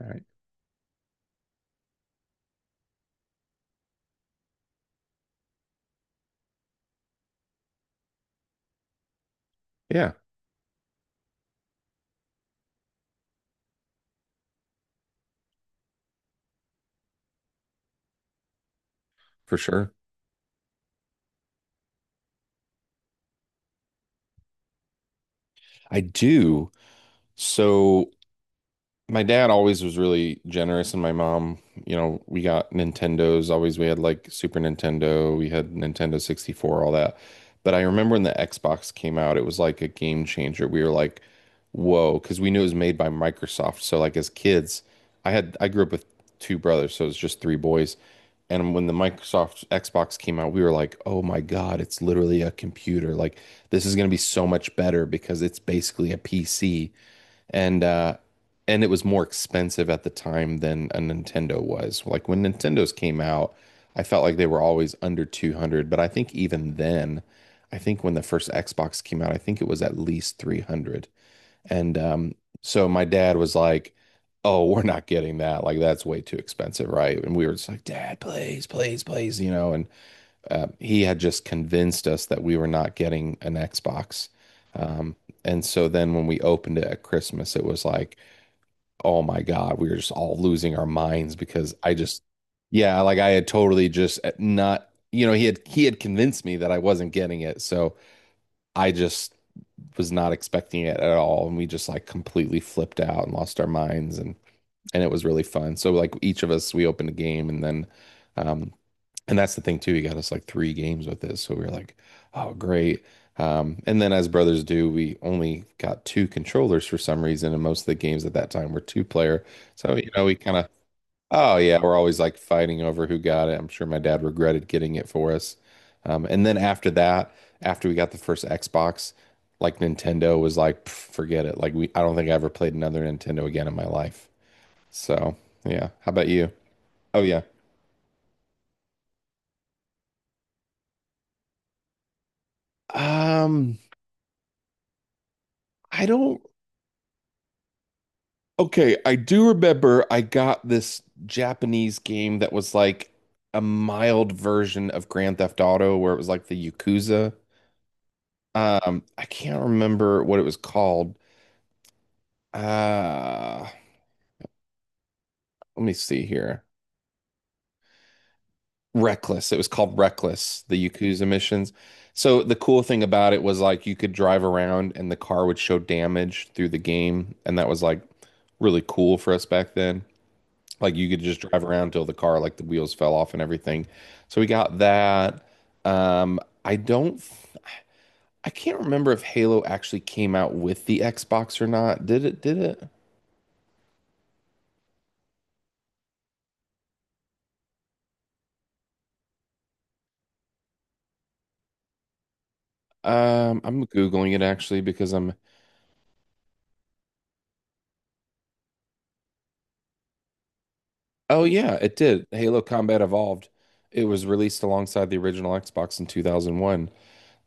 All right. Yeah, for sure. I do. So my dad always was really generous, and my mom, you know, we got Nintendos. Always, we had like Super Nintendo, we had Nintendo 64, all that. But I remember when the Xbox came out, it was like a game changer. We were like, whoa, because we knew it was made by Microsoft. So, like, as kids, I grew up with two brothers, so it's just three boys. And when the Microsoft Xbox came out, we were like, oh my God, it's literally a computer. Like, this is going to be so much better because it's basically a PC and uh and it was more expensive at the time than a Nintendo was. Like when Nintendos came out, I felt like they were always under 200, but I think even then, I think when the first Xbox came out, I think it was at least 300. And so my dad was like, "Oh, we're not getting that. Like that's way too expensive, right?" And we were just like, "Dad, please, please, please," you know, and he had just convinced us that we were not getting an Xbox. Um, and so then when we opened it at Christmas, it was like, oh my God, we were just all losing our minds yeah, like I had totally just eh, not, you know, he had convinced me that I wasn't getting it, so I just was not expecting it at all, and we just like completely flipped out and lost our minds, and it was really fun. So like each of us, we opened a game, um, and that's the thing too. He got us like three games with this, so we were like, "Oh, great!" And then, as brothers do, we only got two controllers for some reason, and most of the games at that time were two player. So you know, oh yeah, we're always like fighting over who got it. I'm sure my dad regretted getting it for us. And then after that, after we got the first Xbox, like Nintendo was like, "Pff, forget it. I don't think I ever played another Nintendo again in my life. So yeah, how about you? Oh yeah. Um, I don't Okay, I do remember I got this Japanese game that was like a mild version of Grand Theft Auto where it was like the Yakuza. I can't remember what it was called. Uh, Let me see here. Reckless. It was called Reckless, the Yakuza missions. So the cool thing about it was like you could drive around and the car would show damage through the game, and that was like really cool for us back then. Like you could just drive around till the car, like the wheels fell off and everything. So we got that. Um, I don't, I can't remember if Halo actually came out with the Xbox or not. Did it? Did it? I'm Googling it actually because I'm, Oh yeah, it did. Halo Combat Evolved. It was released alongside the original Xbox in 2001.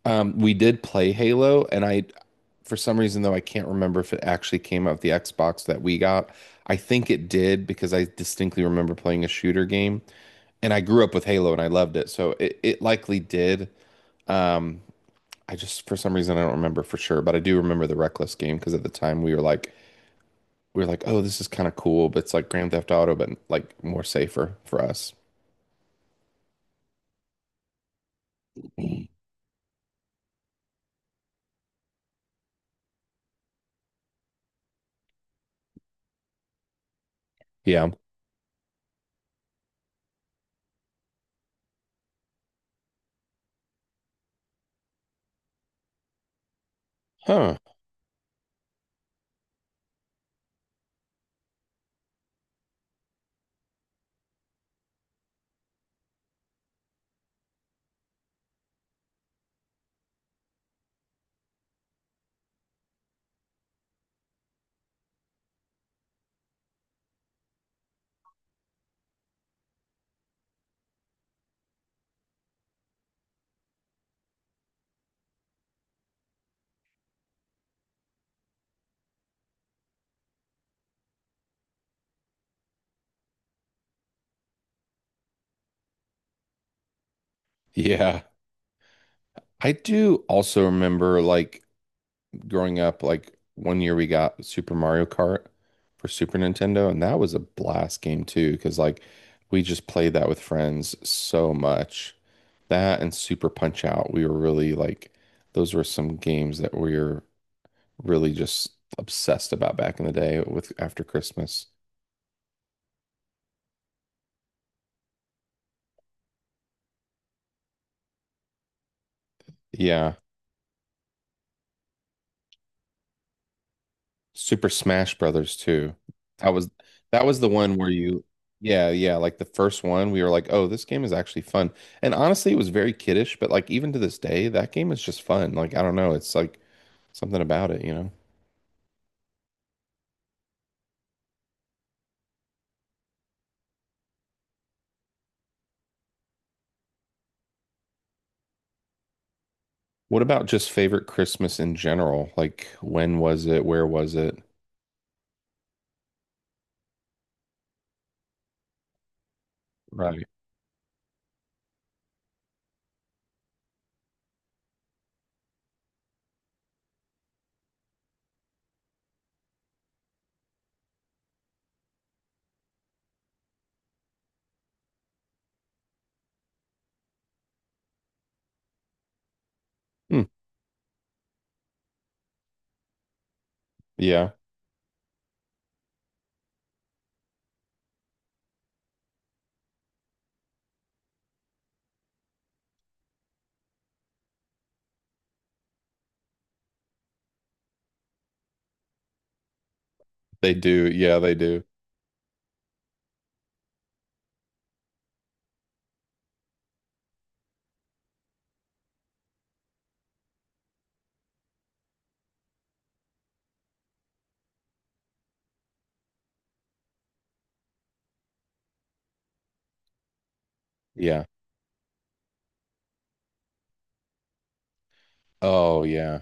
We did play Halo, for some reason though, I can't remember if it actually came out with the Xbox that we got. I think it did because I distinctly remember playing a shooter game, and I grew up with Halo and I loved it, so it likely did. Um, I just for some reason I don't remember for sure, but I do remember the Reckless game because at the time we were like, oh, this is kind of cool, but it's like Grand Theft Auto, but like more safer for us. Yeah. Huh. Yeah. I do also remember like growing up, like one year we got Super Mario Kart for Super Nintendo, and that was a blast game too, because like we just played that with friends so much. That and Super Punch Out, we were really like, those were some games that we were really just obsessed about back in the day with after Christmas. Yeah. Super Smash Brothers too. That was that was the one where you yeah, yeah, like the first one we were like, "Oh, this game is actually fun." And honestly, it was very kiddish, but like even to this day, that game is just fun. Like I don't know, it's like something about it, you know. What about just favorite Christmas in general? Like when was it? Where was it? Right. Hmm. Yeah, they do. Yeah, they do. Yeah. Oh, yeah.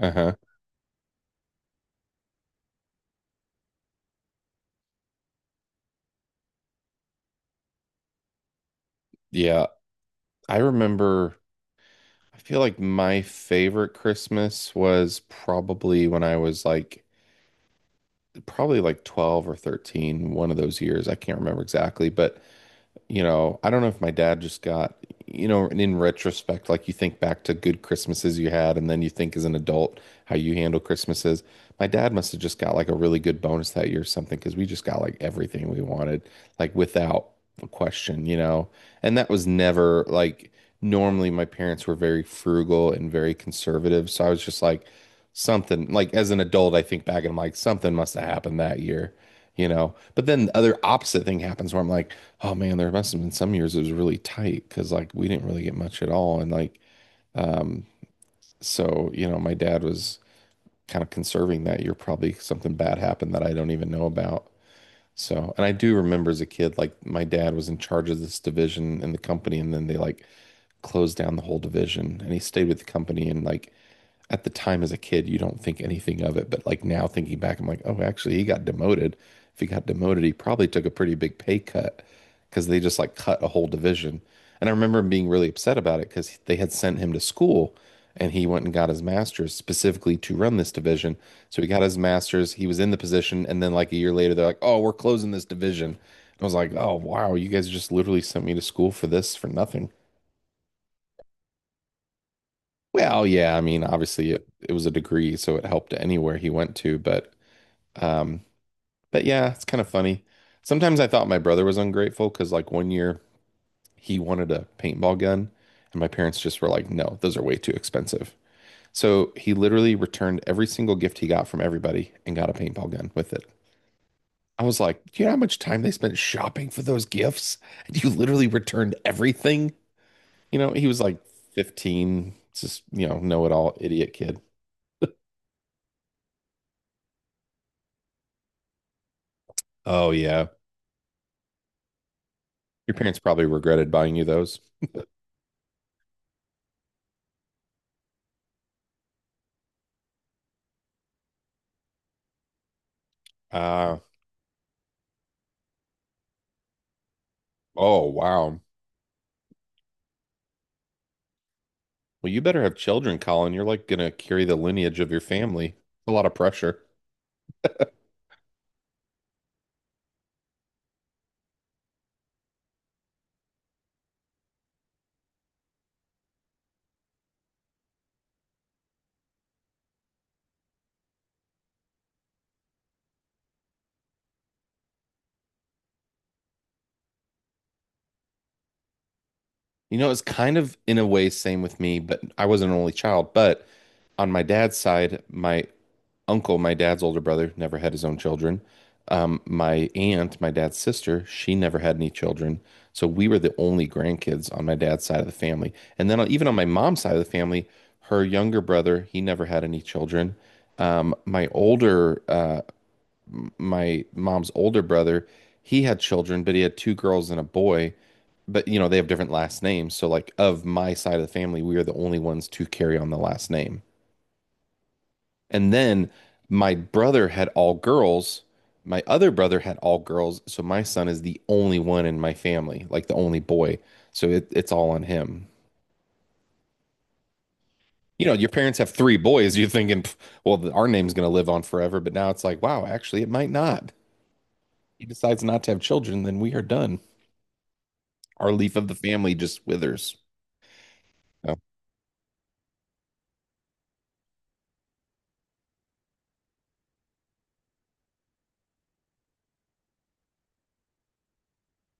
Uh-huh. Yeah. I remember I feel like my favorite Christmas was probably when I was like probably like 12 or 13, one of those years. I can't remember exactly, but you know, I don't know if my dad just got, you know, and in retrospect, like you think back to good Christmases you had, and then you think as an adult how you handle Christmases. My dad must have just got like a really good bonus that year or something because we just got like everything we wanted, like without a question, you know. And that was never like normally my parents were very frugal and very conservative. So I was just like, something like as an adult, I think back and I'm like, something must have happened that year, you know. But then the other opposite thing happens where I'm like, oh man, there must have been some years it was really tight because like we didn't really get much at all. And like um so, you know, my dad was kind of conserving that year. Probably something bad happened that I don't even know about. So, and I do remember as a kid, like my dad was in charge of this division in the company, and then they like closed down the whole division and he stayed with the company and like at the time as a kid, you don't think anything of it. But like now thinking back, I'm like, oh, actually, he got demoted. If he got demoted, he probably took a pretty big pay cut because they just like cut a whole division. And I remember him being really upset about it because they had sent him to school and he went and got his master's specifically to run this division. So he got his master's, he was in the position. And then like a year later, they're like, oh, we're closing this division. And I was like, oh, wow, you guys just literally sent me to school for this for nothing. Well, yeah, I mean, obviously it was a degree, so it helped anywhere he went to, but um but yeah, it's kind of funny. Sometimes I thought my brother was ungrateful because like one year he wanted a paintball gun and my parents just were like, "No, those are way too expensive." So he literally returned every single gift he got from everybody and got a paintball gun with it. I was like, "Do you know how much time they spent shopping for those gifts? And you literally returned everything?" You know, he was like 15, just, you know, know-it-all idiot kid. Oh yeah, your parents probably regretted buying you those. Uh, oh, wow. Well, you better have children, Colin. You're like gonna carry the lineage of your family. A lot of pressure. You know, it's kind of in a way same with me, but I was an only child. But on my dad's side, my dad's older brother, never had his own children. My dad's sister, she never had any children. So we were the only grandkids on my dad's side of the family. And then on- even on my mom's side of the family, her younger brother, he never had any children. Um, my older, uh, my mom's older brother, he had children, but he had two girls and a boy. But you know, they have different last names. So like of my side of the family, we are the only ones to carry on the last name. And then my brother had all girls. My other brother had all girls. So my son is the only one in my family, like the only boy. So it's all on him. You know, your parents have three boys. You're thinking, "Pff, well, our name's going to live on forever. But now it's like, wow, actually, it might not. He decides not to have children, then we are done. Our leaf of the family just withers. So,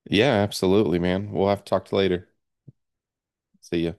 yeah, absolutely, man. We'll have to talk to you later. See ya.